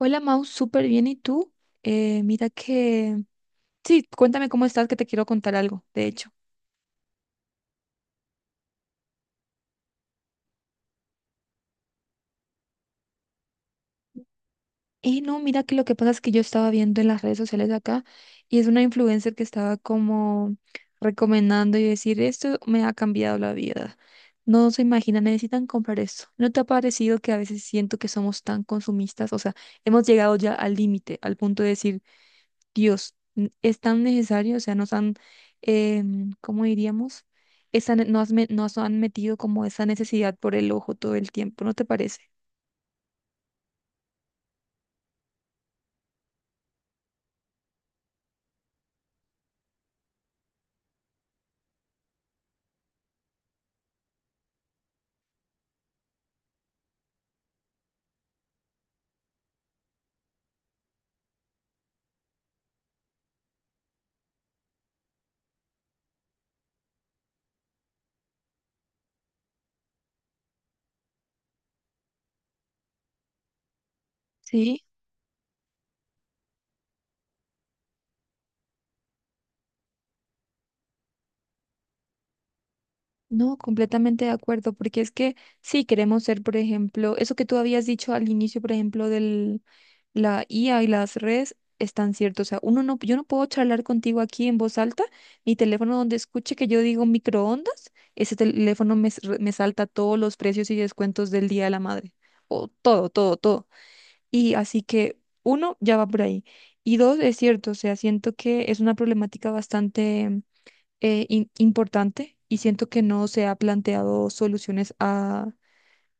Hola Mau, súper bien. ¿Y tú? Mira que... Sí, cuéntame cómo estás, que te quiero contar algo, de hecho. Y no, mira que lo que pasa es que yo estaba viendo en las redes sociales acá y es una influencer que estaba como recomendando y decir, esto me ha cambiado la vida. No se imagina, necesitan comprar esto. ¿No te ha parecido que a veces siento que somos tan consumistas? O sea, hemos llegado ya al límite, al punto de decir... Dios, es tan necesario, o sea, nos han, ¿cómo diríamos? Esa, ne- nos, me- nos han metido como esa necesidad por el ojo todo el tiempo, ¿no te parece? Sí, no, completamente de acuerdo, porque es que sí queremos ser, por ejemplo, eso que tú habías dicho al inicio, por ejemplo, del, la IA y las redes están ciertas. O sea, uno no, yo no puedo charlar contigo aquí en voz alta. Mi teléfono donde escuche que yo digo microondas, ese teléfono me salta todos los precios y descuentos del Día de la Madre. O todo, todo, todo. Y así que uno ya va por ahí. Y dos, es cierto, o sea, siento que es una problemática bastante importante y siento que no se ha planteado soluciones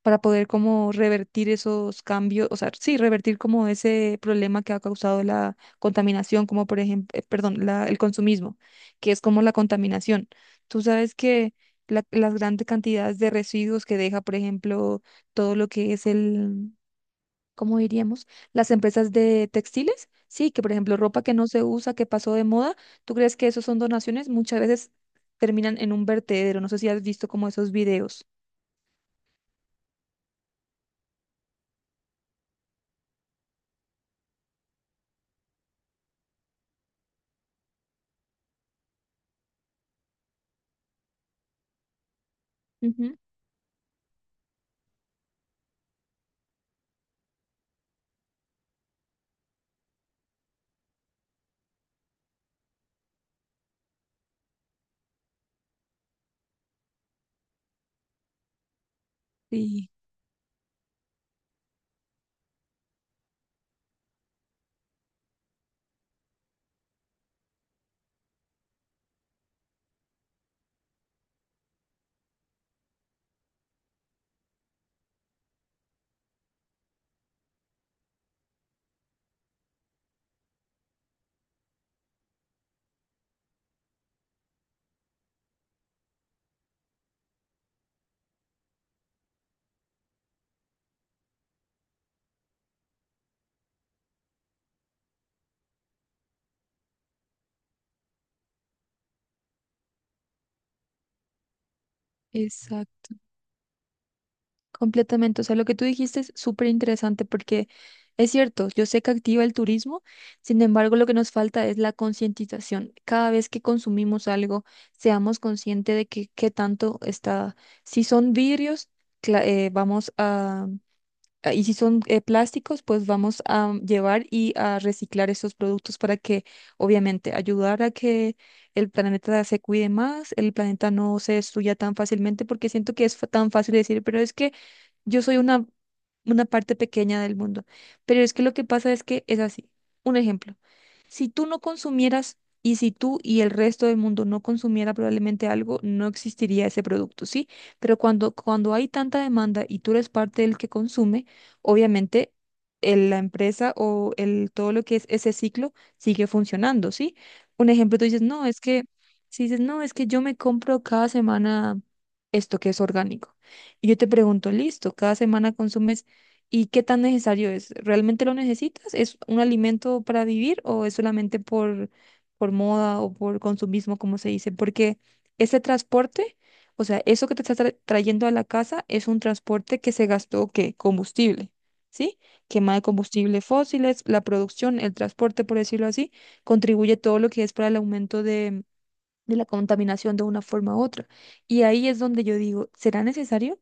para poder como revertir esos cambios, o sea, sí, revertir como ese problema que ha causado la contaminación, como por ejemplo, perdón, el consumismo, que es como la contaminación. Tú sabes que las grandes cantidades de residuos que deja, por ejemplo, todo lo que es el, ¿cómo diríamos? Las empresas de textiles, sí, que por ejemplo, ropa que no se usa, que pasó de moda, ¿tú crees que eso son donaciones? Muchas veces terminan en un vertedero. No sé si has visto como esos videos. Ujú. Sí, exacto. Completamente, o sea, lo que tú dijiste es súper interesante porque es cierto, yo sé que activa el turismo, sin embargo, lo que nos falta es la concientización. Cada vez que consumimos algo, seamos conscientes de que qué tanto está. Si son vidrios, cla- eh, vamos a, y si son plásticos, pues vamos a llevar y a reciclar esos productos para que, obviamente, ayudar a que el planeta se cuide más, el planeta no se destruya tan fácilmente, porque siento que es tan fácil decir, pero es que yo soy una parte pequeña del mundo. Pero es que lo que pasa es que es así. Un ejemplo, si tú no consumieras y si tú y el resto del mundo no consumiera probablemente algo, no existiría ese producto, ¿sí? Pero cuando hay tanta demanda y tú eres parte del que consume, obviamente la empresa o el, todo lo que es ese ciclo sigue funcionando, ¿sí? Un ejemplo, tú dices, no, es que, si dices, no, es que yo me compro cada semana esto que es orgánico. Y yo te pregunto, listo, cada semana consumes. ¿Y qué tan necesario es? ¿Realmente lo necesitas? ¿Es un alimento para vivir o es solamente por, moda o por consumismo, como se dice? Porque ese transporte, o sea, eso que te estás trayendo a la casa es un transporte que se gastó, ¿qué? Combustible, ¿sí? Quema de combustible fósiles, la producción, el transporte, por decirlo así, contribuye todo lo que es para el aumento de la contaminación de una forma u otra. Y ahí es donde yo digo, ¿será necesario?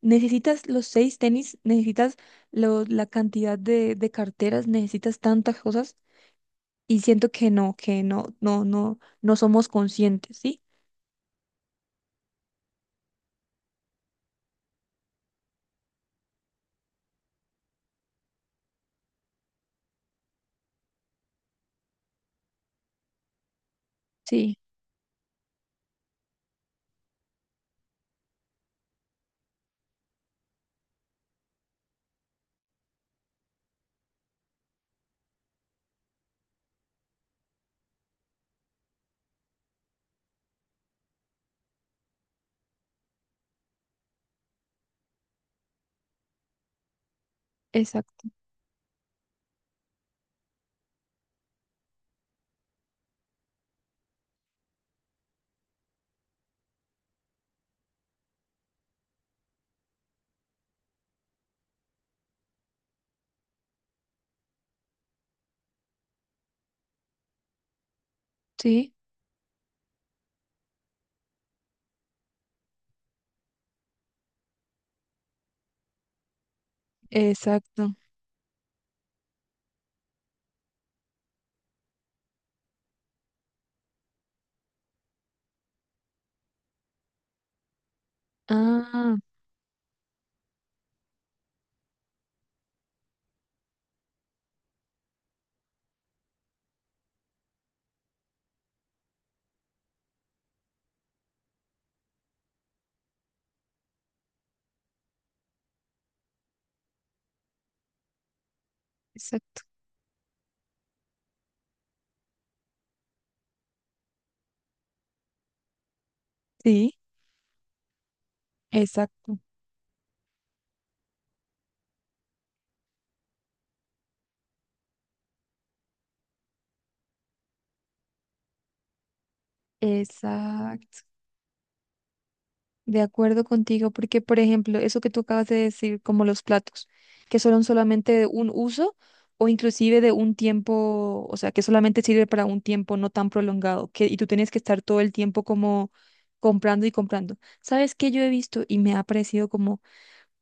¿Necesitas los seis tenis? ¿Necesitas la cantidad de carteras? ¿Necesitas tantas cosas? Y siento que no, no, no, no somos conscientes, ¿sí? Sí, exacto. Sí, exacto. Ah, exacto. Sí. Exacto. Exacto. De acuerdo contigo, porque por ejemplo, eso que tú acabas de decir, como los platos, que son solamente de un uso o inclusive de un tiempo, o sea, que solamente sirve para un tiempo no tan prolongado, que, y tú tienes que estar todo el tiempo como comprando y comprando. ¿Sabes qué? Yo he visto y me ha parecido como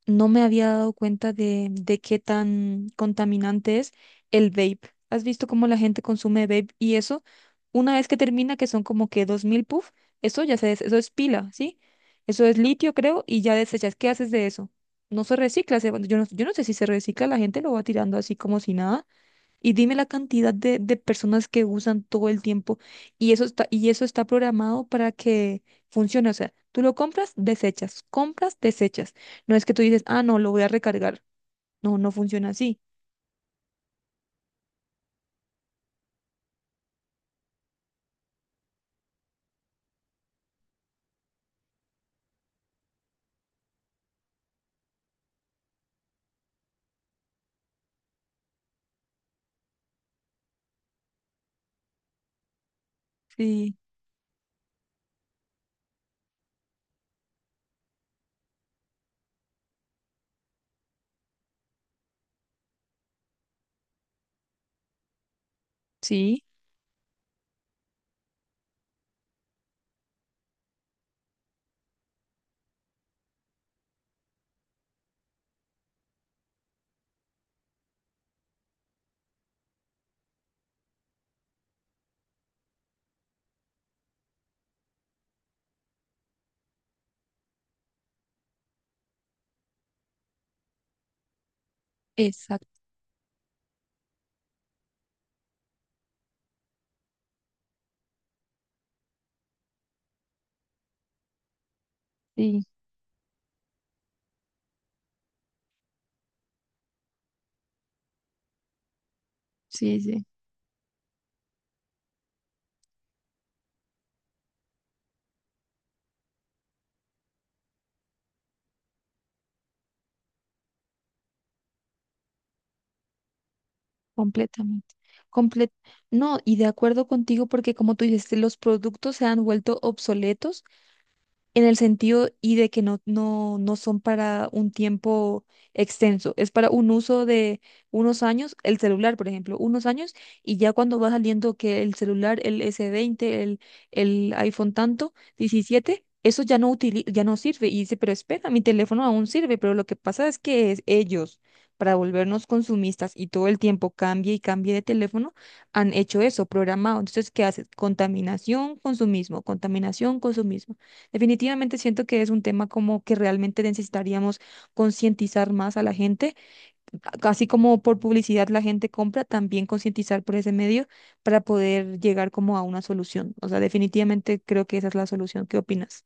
no me había dado cuenta de qué tan contaminante es el vape. ¿Has visto cómo la gente consume vape y eso? Una vez que termina, que son como que 2.000 puff, eso ya se des- eso es pila, ¿sí? Eso es litio, creo, y ya desechas. ¿Qué haces de eso? No se recicla, se yo no, yo no sé si se recicla, la gente lo va tirando así como si nada. Y dime la cantidad de personas que usan todo el tiempo y eso está programado para que funcione. O sea, tú lo compras, desechas, compras, desechas. No es que tú dices, ah, no, lo voy a recargar. No, no funciona así. Sí, sí, exacto. Sí, sí, sí, completamente. Comple- no, y de acuerdo contigo porque como tú dices, los productos se han vuelto obsoletos en el sentido y de que no, no, no son para un tiempo extenso, es para un uso de unos años, el celular, por ejemplo, unos años, y ya cuando va saliendo que el celular, el S20 el iPhone tanto, 17 eso ya no sirve. Y dice, pero espera, mi teléfono aún sirve, pero lo que pasa es que es ellos, para volvernos consumistas y todo el tiempo cambie y cambie de teléfono, han hecho eso, programado. Entonces, ¿qué hace? Contaminación, consumismo, contaminación, consumismo. Definitivamente siento que es un tema como que realmente necesitaríamos concientizar más a la gente, así como por publicidad la gente compra, también concientizar por ese medio para poder llegar como a una solución. O sea, definitivamente creo que esa es la solución. ¿Qué opinas?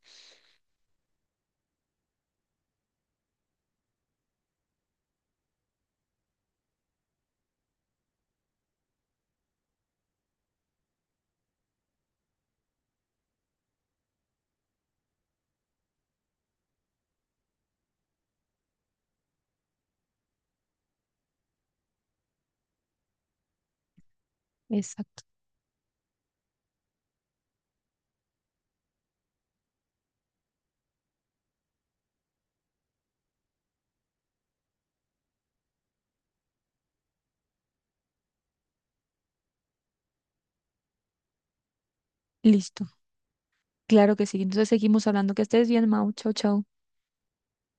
Exacto. Listo. Claro que sí. Entonces seguimos hablando. Que estés bien, Mau. Chau, chau.